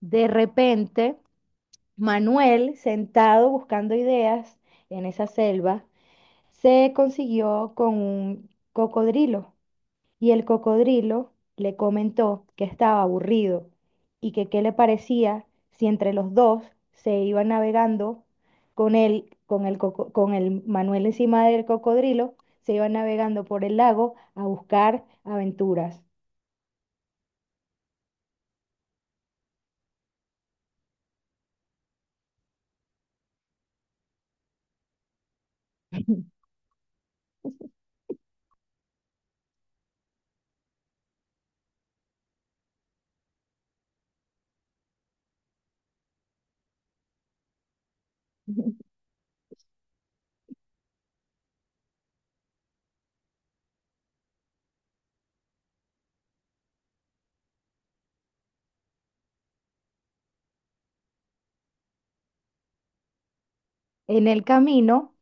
De repente, Manuel, sentado buscando ideas en esa selva, se consiguió con un cocodrilo y el cocodrilo le comentó que estaba aburrido y que qué le parecía si entre los dos se iban navegando con el Manuel encima del cocodrilo, se iban navegando por el lago a buscar aventuras. En el camino,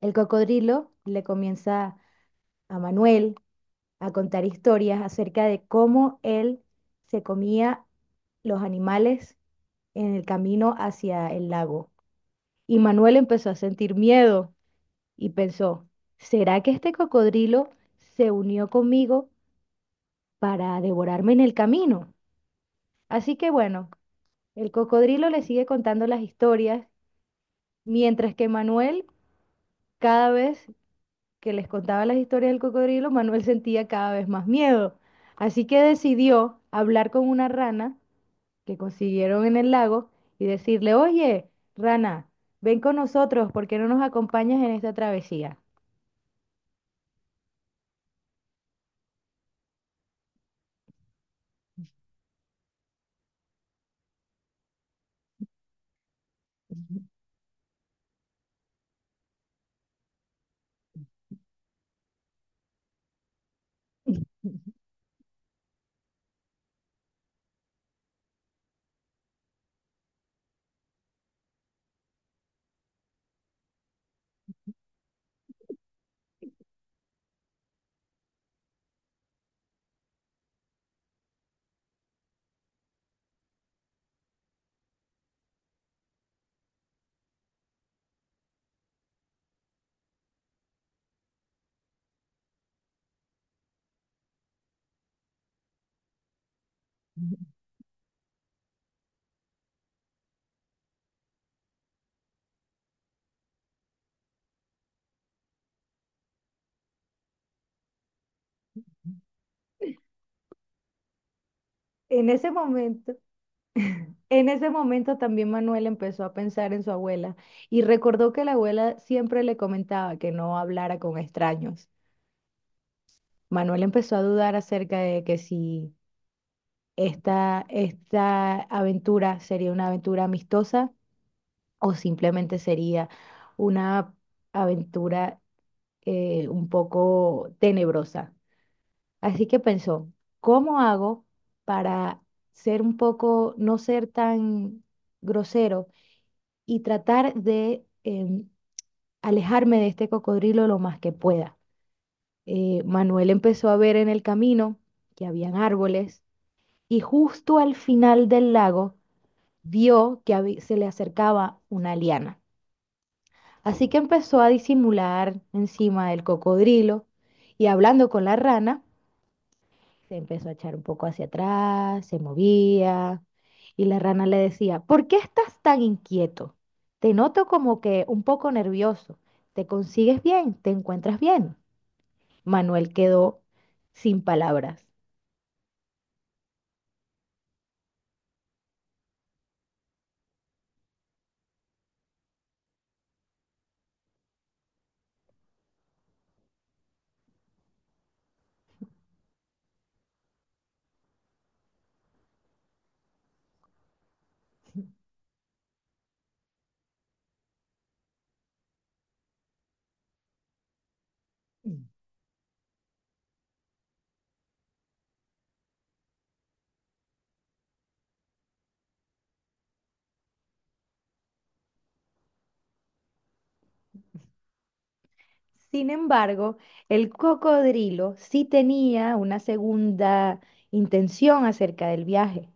el cocodrilo le comienza a Manuel a contar historias acerca de cómo él se comía los animales en el camino hacia el lago. Y Manuel empezó a sentir miedo y pensó, ¿será que este cocodrilo se unió conmigo para devorarme en el camino? Así que bueno, el cocodrilo le sigue contando las historias, mientras que Manuel cada vez que les contaba las historias del cocodrilo, Manuel sentía cada vez más miedo. Así que decidió hablar con una rana que consiguieron en el lago y decirle, oye, rana, ven con nosotros, ¿por qué no nos acompañas en esta travesía? En ese momento... En ese momento también Manuel empezó a pensar en su abuela y recordó que la abuela siempre le comentaba que no hablara con extraños. Manuel empezó a dudar acerca de que si esta aventura sería una aventura amistosa o simplemente sería una aventura un poco tenebrosa. Así que pensó, ¿cómo hago para ser un poco, no ser tan grosero? Y tratar de alejarme de este cocodrilo lo más que pueda. Manuel empezó a ver en el camino que habían árboles y justo al final del lago vio que se le acercaba una liana. Así que empezó a disimular encima del cocodrilo y hablando con la rana, se empezó a echar un poco hacia atrás, se movía, y la rana le decía, ¿por qué estás tan inquieto? Te noto como que un poco nervioso. ¿Te consigues bien? ¿Te encuentras bien? Manuel quedó sin palabras. Mm. Sin embargo, el cocodrilo sí tenía una segunda intención acerca del viaje.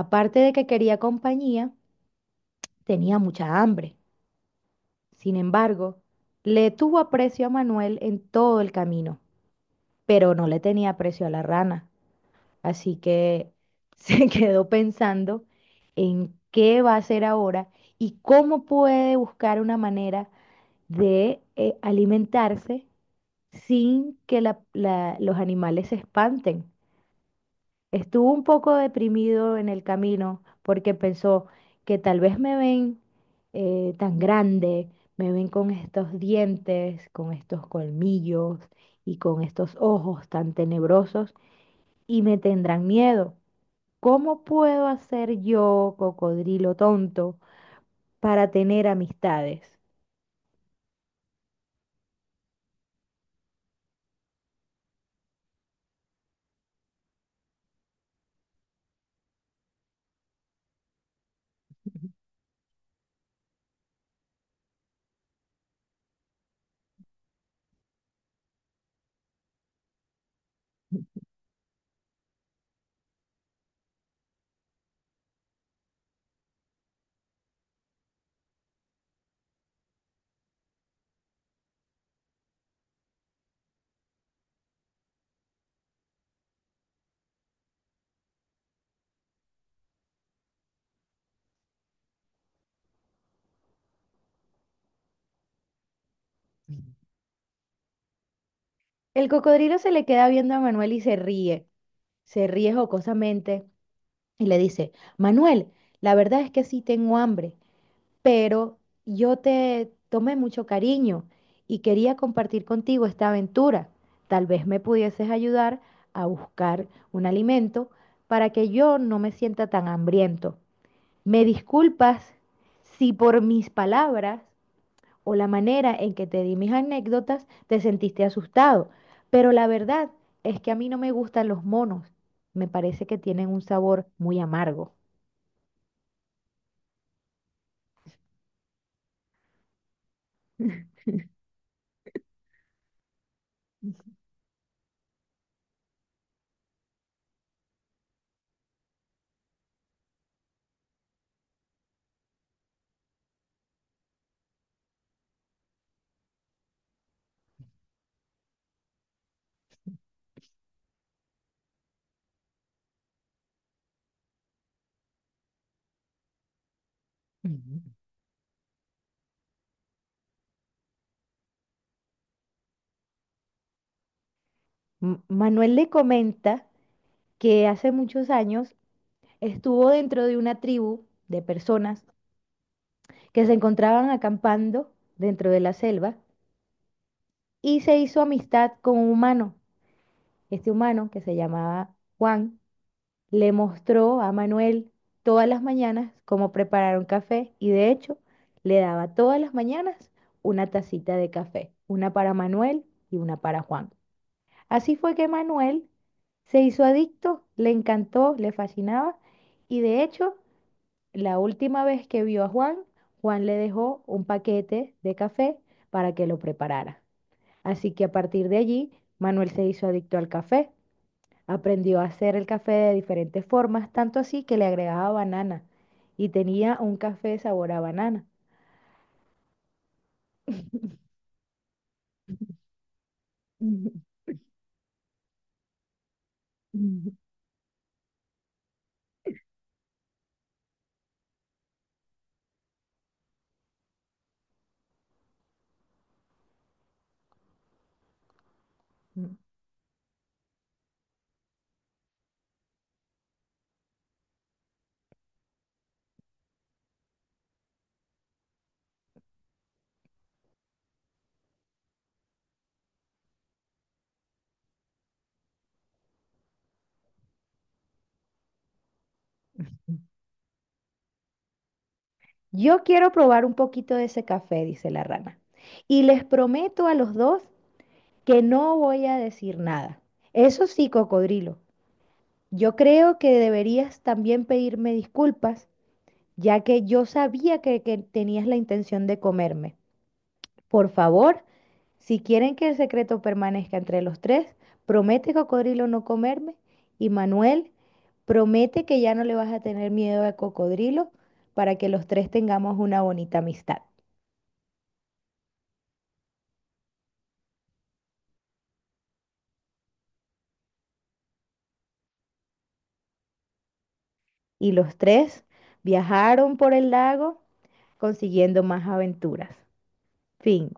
Aparte de que quería compañía, tenía mucha hambre. Sin embargo, le tuvo aprecio a Manuel en todo el camino, pero no le tenía aprecio a la rana. Así que se quedó pensando en qué va a hacer ahora y cómo puede buscar una manera de alimentarse sin que los animales se espanten. Estuvo un poco deprimido en el camino porque pensó que tal vez me ven tan grande, me ven con estos dientes, con estos colmillos y con estos ojos tan tenebrosos y me tendrán miedo. ¿Cómo puedo hacer yo, cocodrilo tonto, para tener amistades? El cocodrilo se le queda viendo a Manuel y se ríe jocosamente y le dice, Manuel, la verdad es que sí tengo hambre. Pero yo te tomé mucho cariño y quería compartir contigo esta aventura. Tal vez me pudieses ayudar a buscar un alimento para que yo no me sienta tan hambriento. ¿Me disculpas si por mis palabras o la manera en que te di mis anécdotas te sentiste asustado? Pero la verdad es que a mí no me gustan los monos. Me parece que tienen un sabor muy amargo. Manuel le comenta que hace muchos años estuvo dentro de una tribu de personas que se encontraban acampando dentro de la selva y se hizo amistad con un humano. Este humano, que se llamaba Juan, le mostró a Manuel todas las mañanas cómo preparar un café y de hecho le daba todas las mañanas una tacita de café, una para Manuel y una para Juan. Así fue que Manuel se hizo adicto, le encantó, le fascinaba y de hecho la última vez que vio a Juan, Juan le dejó un paquete de café para que lo preparara. Así que a partir de allí, Manuel se hizo adicto al café. Aprendió a hacer el café de diferentes formas, tanto así que le agregaba banana y tenía un café sabor a banana. Yo quiero probar un poquito de ese café, dice la rana. Y les prometo a los dos que no voy a decir nada. Eso sí, cocodrilo, yo creo que deberías también pedirme disculpas, ya que yo sabía que tenías la intención de comerme. Por favor, si quieren que el secreto permanezca entre los tres, promete, cocodrilo, no comerme. Y Manuel, promete que ya no le vas a tener miedo a cocodrilo para que los tres tengamos una bonita amistad. Y los tres viajaron por el lago consiguiendo más aventuras. Fin.